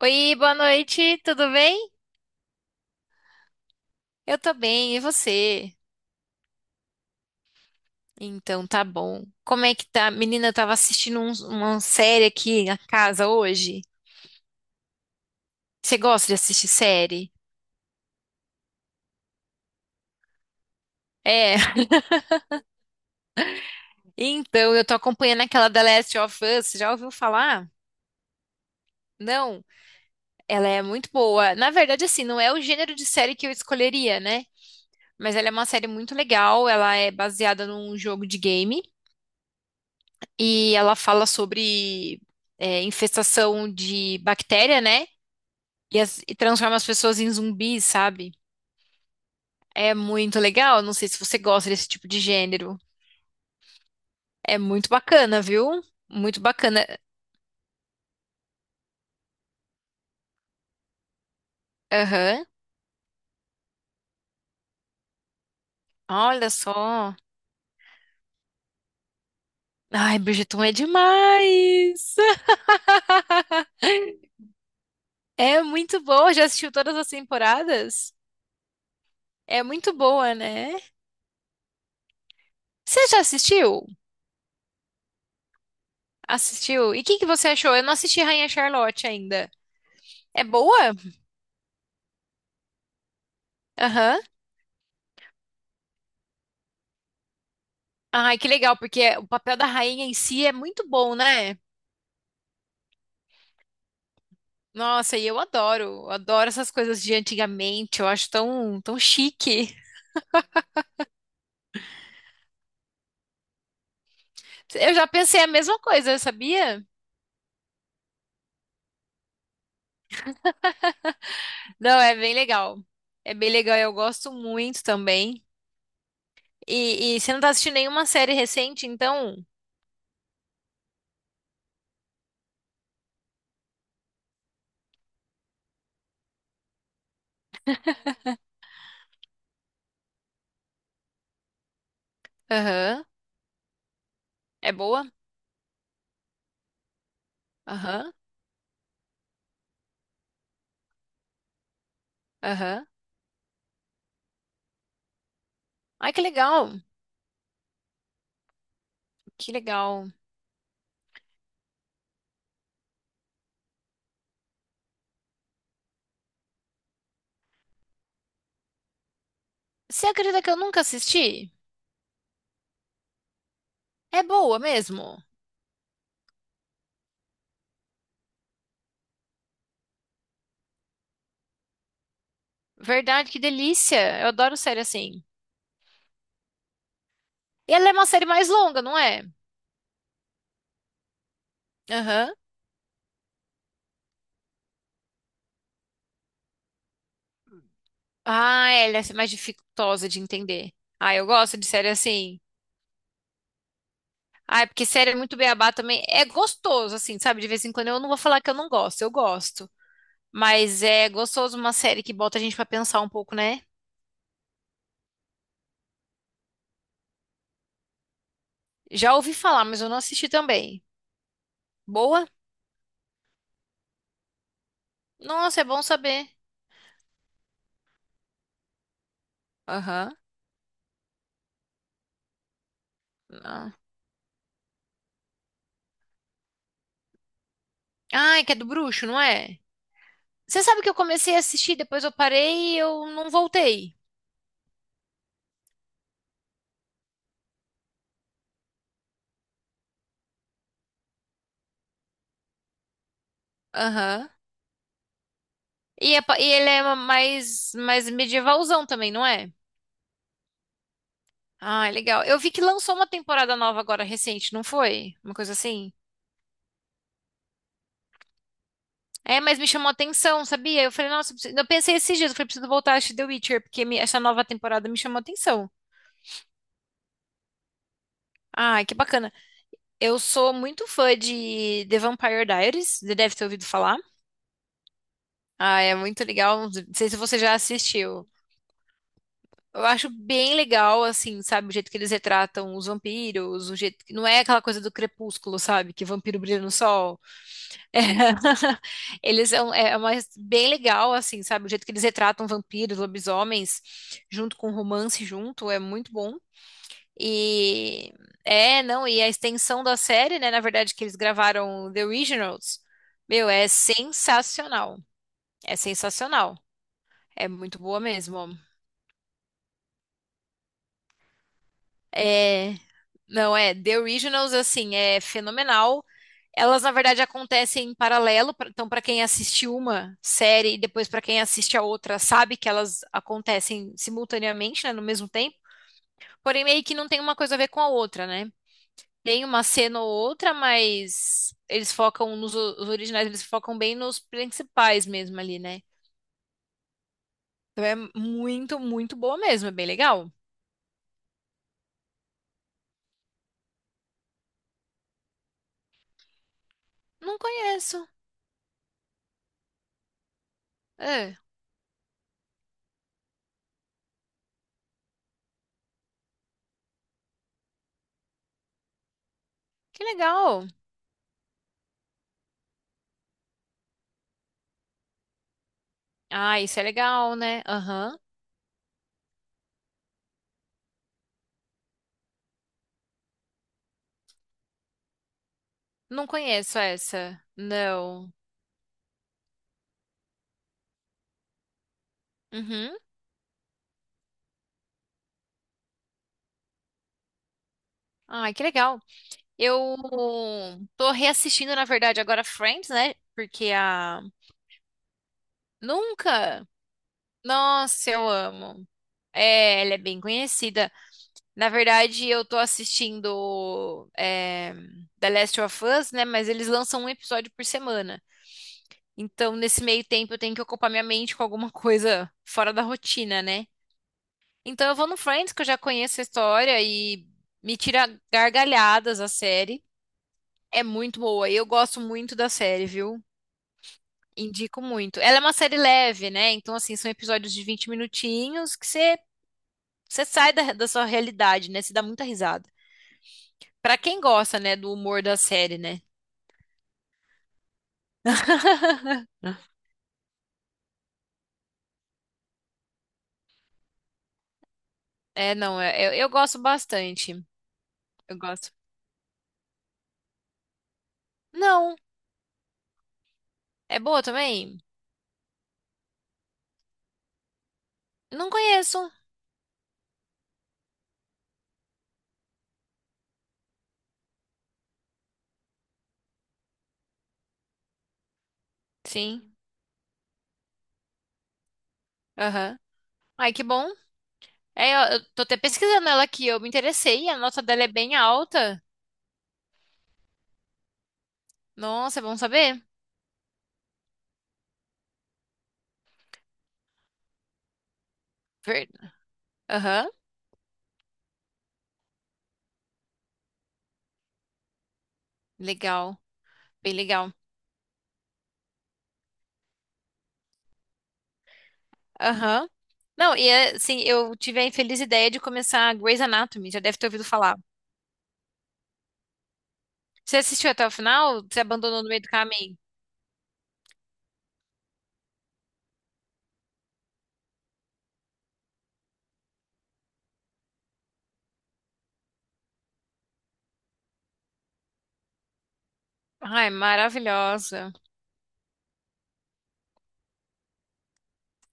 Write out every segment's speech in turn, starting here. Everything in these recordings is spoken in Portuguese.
Oi, boa noite, tudo bem? Eu tô bem, e você? Então tá bom. Como é que tá? Menina, eu tava assistindo uma série aqui na casa hoje. Você gosta de assistir série? É, então eu tô acompanhando aquela The Last of Us, já ouviu falar? Não, ela é muito boa. Na verdade, assim, não é o gênero de série que eu escolheria, né? Mas ela é uma série muito legal, ela é baseada num jogo de game e ela fala sobre infestação de bactéria, né? E transforma as pessoas em zumbis, sabe? É muito legal. Não sei se você gosta desse tipo de gênero. É muito bacana, viu? Muito bacana. Aham. Olha só. Ai, Bridgerton é demais! É muito boa. Já assistiu todas as temporadas? É muito boa, né? Você já assistiu? Assistiu? E o que que você achou? Eu não assisti Rainha Charlotte ainda. É boa? Aham. Ai, que legal, porque o papel da rainha em si é muito bom, né? Nossa, e eu adoro, adoro essas coisas de antigamente, eu acho tão, tão chique. Eu já pensei a mesma coisa, sabia? Não, é bem legal. É bem legal, eu gosto muito também. E você não tá assistindo nenhuma série recente, então? Aham. É boa? Aham, aham. Ai, que legal, que legal. Você acredita que eu nunca assisti? É boa mesmo. Verdade, que delícia. Eu adoro série assim. E ela é uma série mais longa, não é? Aham. Ah, ela é mais dificultosa de entender. Ah, eu gosto de série assim. Ah, é porque série é muito beabá também. É gostoso, assim, sabe? De vez em quando eu não vou falar que eu não gosto, eu gosto. Mas é gostoso uma série que bota a gente pra pensar um pouco, né? Já ouvi falar, mas eu não assisti também. Boa? Nossa, é bom saber. Aham. Ah, Ah, é que é do bruxo, não é? Você sabe que eu comecei a assistir, depois eu parei e eu não voltei. Aham. E ele é mais medievalzão também, não é? Ah, é legal. Eu vi que lançou uma temporada nova agora recente, não foi? Uma coisa assim? É, mas me chamou a atenção, sabia? Eu falei, nossa, eu pensei esses dias, eu falei, preciso voltar a assistir The Witcher, porque essa nova temporada me chamou a atenção. Ai, que bacana. Eu sou muito fã de The Vampire Diaries, você deve ter ouvido falar. Ah, é muito legal, não sei se você já assistiu. Eu acho bem legal, assim, sabe, o jeito que eles retratam os vampiros, o jeito que não é aquela coisa do crepúsculo, sabe, que vampiro brilha no sol. É. Eles são, é uma, bem legal, assim, sabe? O jeito que eles retratam vampiros, lobisomens, junto com romance, junto, é muito bom. E é, não, e a extensão da série, né? Na verdade, que eles gravaram The Originals, meu, é sensacional. É sensacional. É muito boa mesmo. É, não, é, The Originals, assim, é fenomenal. Elas, na verdade, acontecem em paralelo, então, para quem assiste uma série e depois para quem assiste a outra, sabe que elas acontecem simultaneamente, né, no mesmo tempo, porém meio que não tem uma coisa a ver com a outra, né? Tem uma cena ou outra, mas eles focam nos os originais, eles focam bem nos principais mesmo ali, né? Então é muito, muito boa mesmo, é bem legal. Não conheço. É, que legal. Ah, isso é legal, né? Aham. Não conheço essa. Não. Uhum. Ai, que legal. Eu tô reassistindo, na verdade, agora Friends, né? Porque a. Nunca! Nossa, eu amo. É, ela é bem conhecida. Na verdade, eu tô assistindo The Last of Us, né? Mas eles lançam um episódio por semana. Então, nesse meio tempo, eu tenho que ocupar minha mente com alguma coisa fora da rotina, né? Então, eu vou no Friends, que eu já conheço a história e me tira gargalhadas a série. É muito boa, e eu gosto muito da série, viu? Indico muito. Ela é uma série leve, né? Então, assim, são episódios de 20 minutinhos que você sai da sua realidade, né? Você dá muita risada. Pra quem gosta, né, do humor da série, né? É, não, eu gosto bastante. Eu gosto. Não, é boa também? Não conheço. Sim, aham. Ai, que bom. É, eu tô até pesquisando ela aqui, eu me interessei, a nota dela é bem alta. Nossa, é bom saber. Ver- Aham, Legal, bem legal. Aham. Não, e é, assim, eu tive a infeliz ideia de começar Grey's Anatomy, já deve ter ouvido falar. Você assistiu até o final? Você abandonou no meio do caminho? Ai, maravilhosa.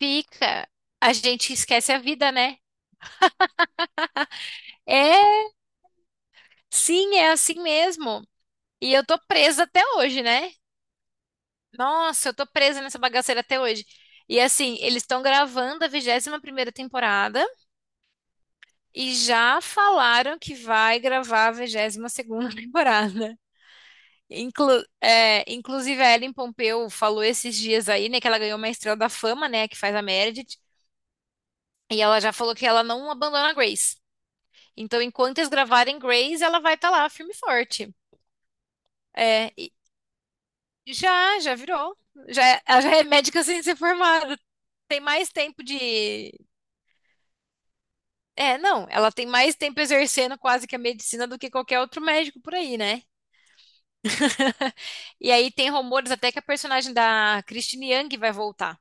Fica. A gente esquece a vida, né? É, sim, é assim mesmo. E eu tô presa até hoje, né? Nossa, eu tô presa nessa bagaceira até hoje. E assim, eles estão gravando a 21ª temporada e já falaram que vai gravar a 22ª temporada. Inclusive, a Ellen Pompeu falou esses dias aí, né, que ela ganhou uma Estrela da Fama, né, que faz a Meredith, e ela já falou que ela não abandona a Grace. Então, enquanto eles gravarem Grace, ela vai estar lá, firme e forte. É, e já virou. Já, ela já é médica sem ser formada. Tem mais tempo de. É, não, ela tem mais tempo exercendo quase que a medicina do que qualquer outro médico por aí, né? E aí tem rumores até que a personagem da Christine Yang vai voltar.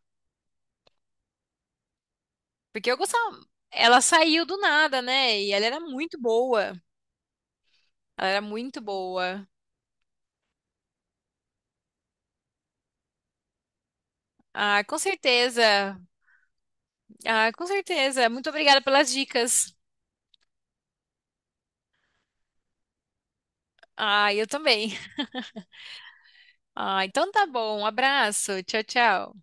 Porque eu gostava. Ela saiu do nada, né? E ela era muito boa. Ela era muito boa. Ah, com certeza. Ah, com certeza. Muito obrigada pelas dicas. Ah, eu também. Ah, então tá bom. Um abraço. Tchau, tchau.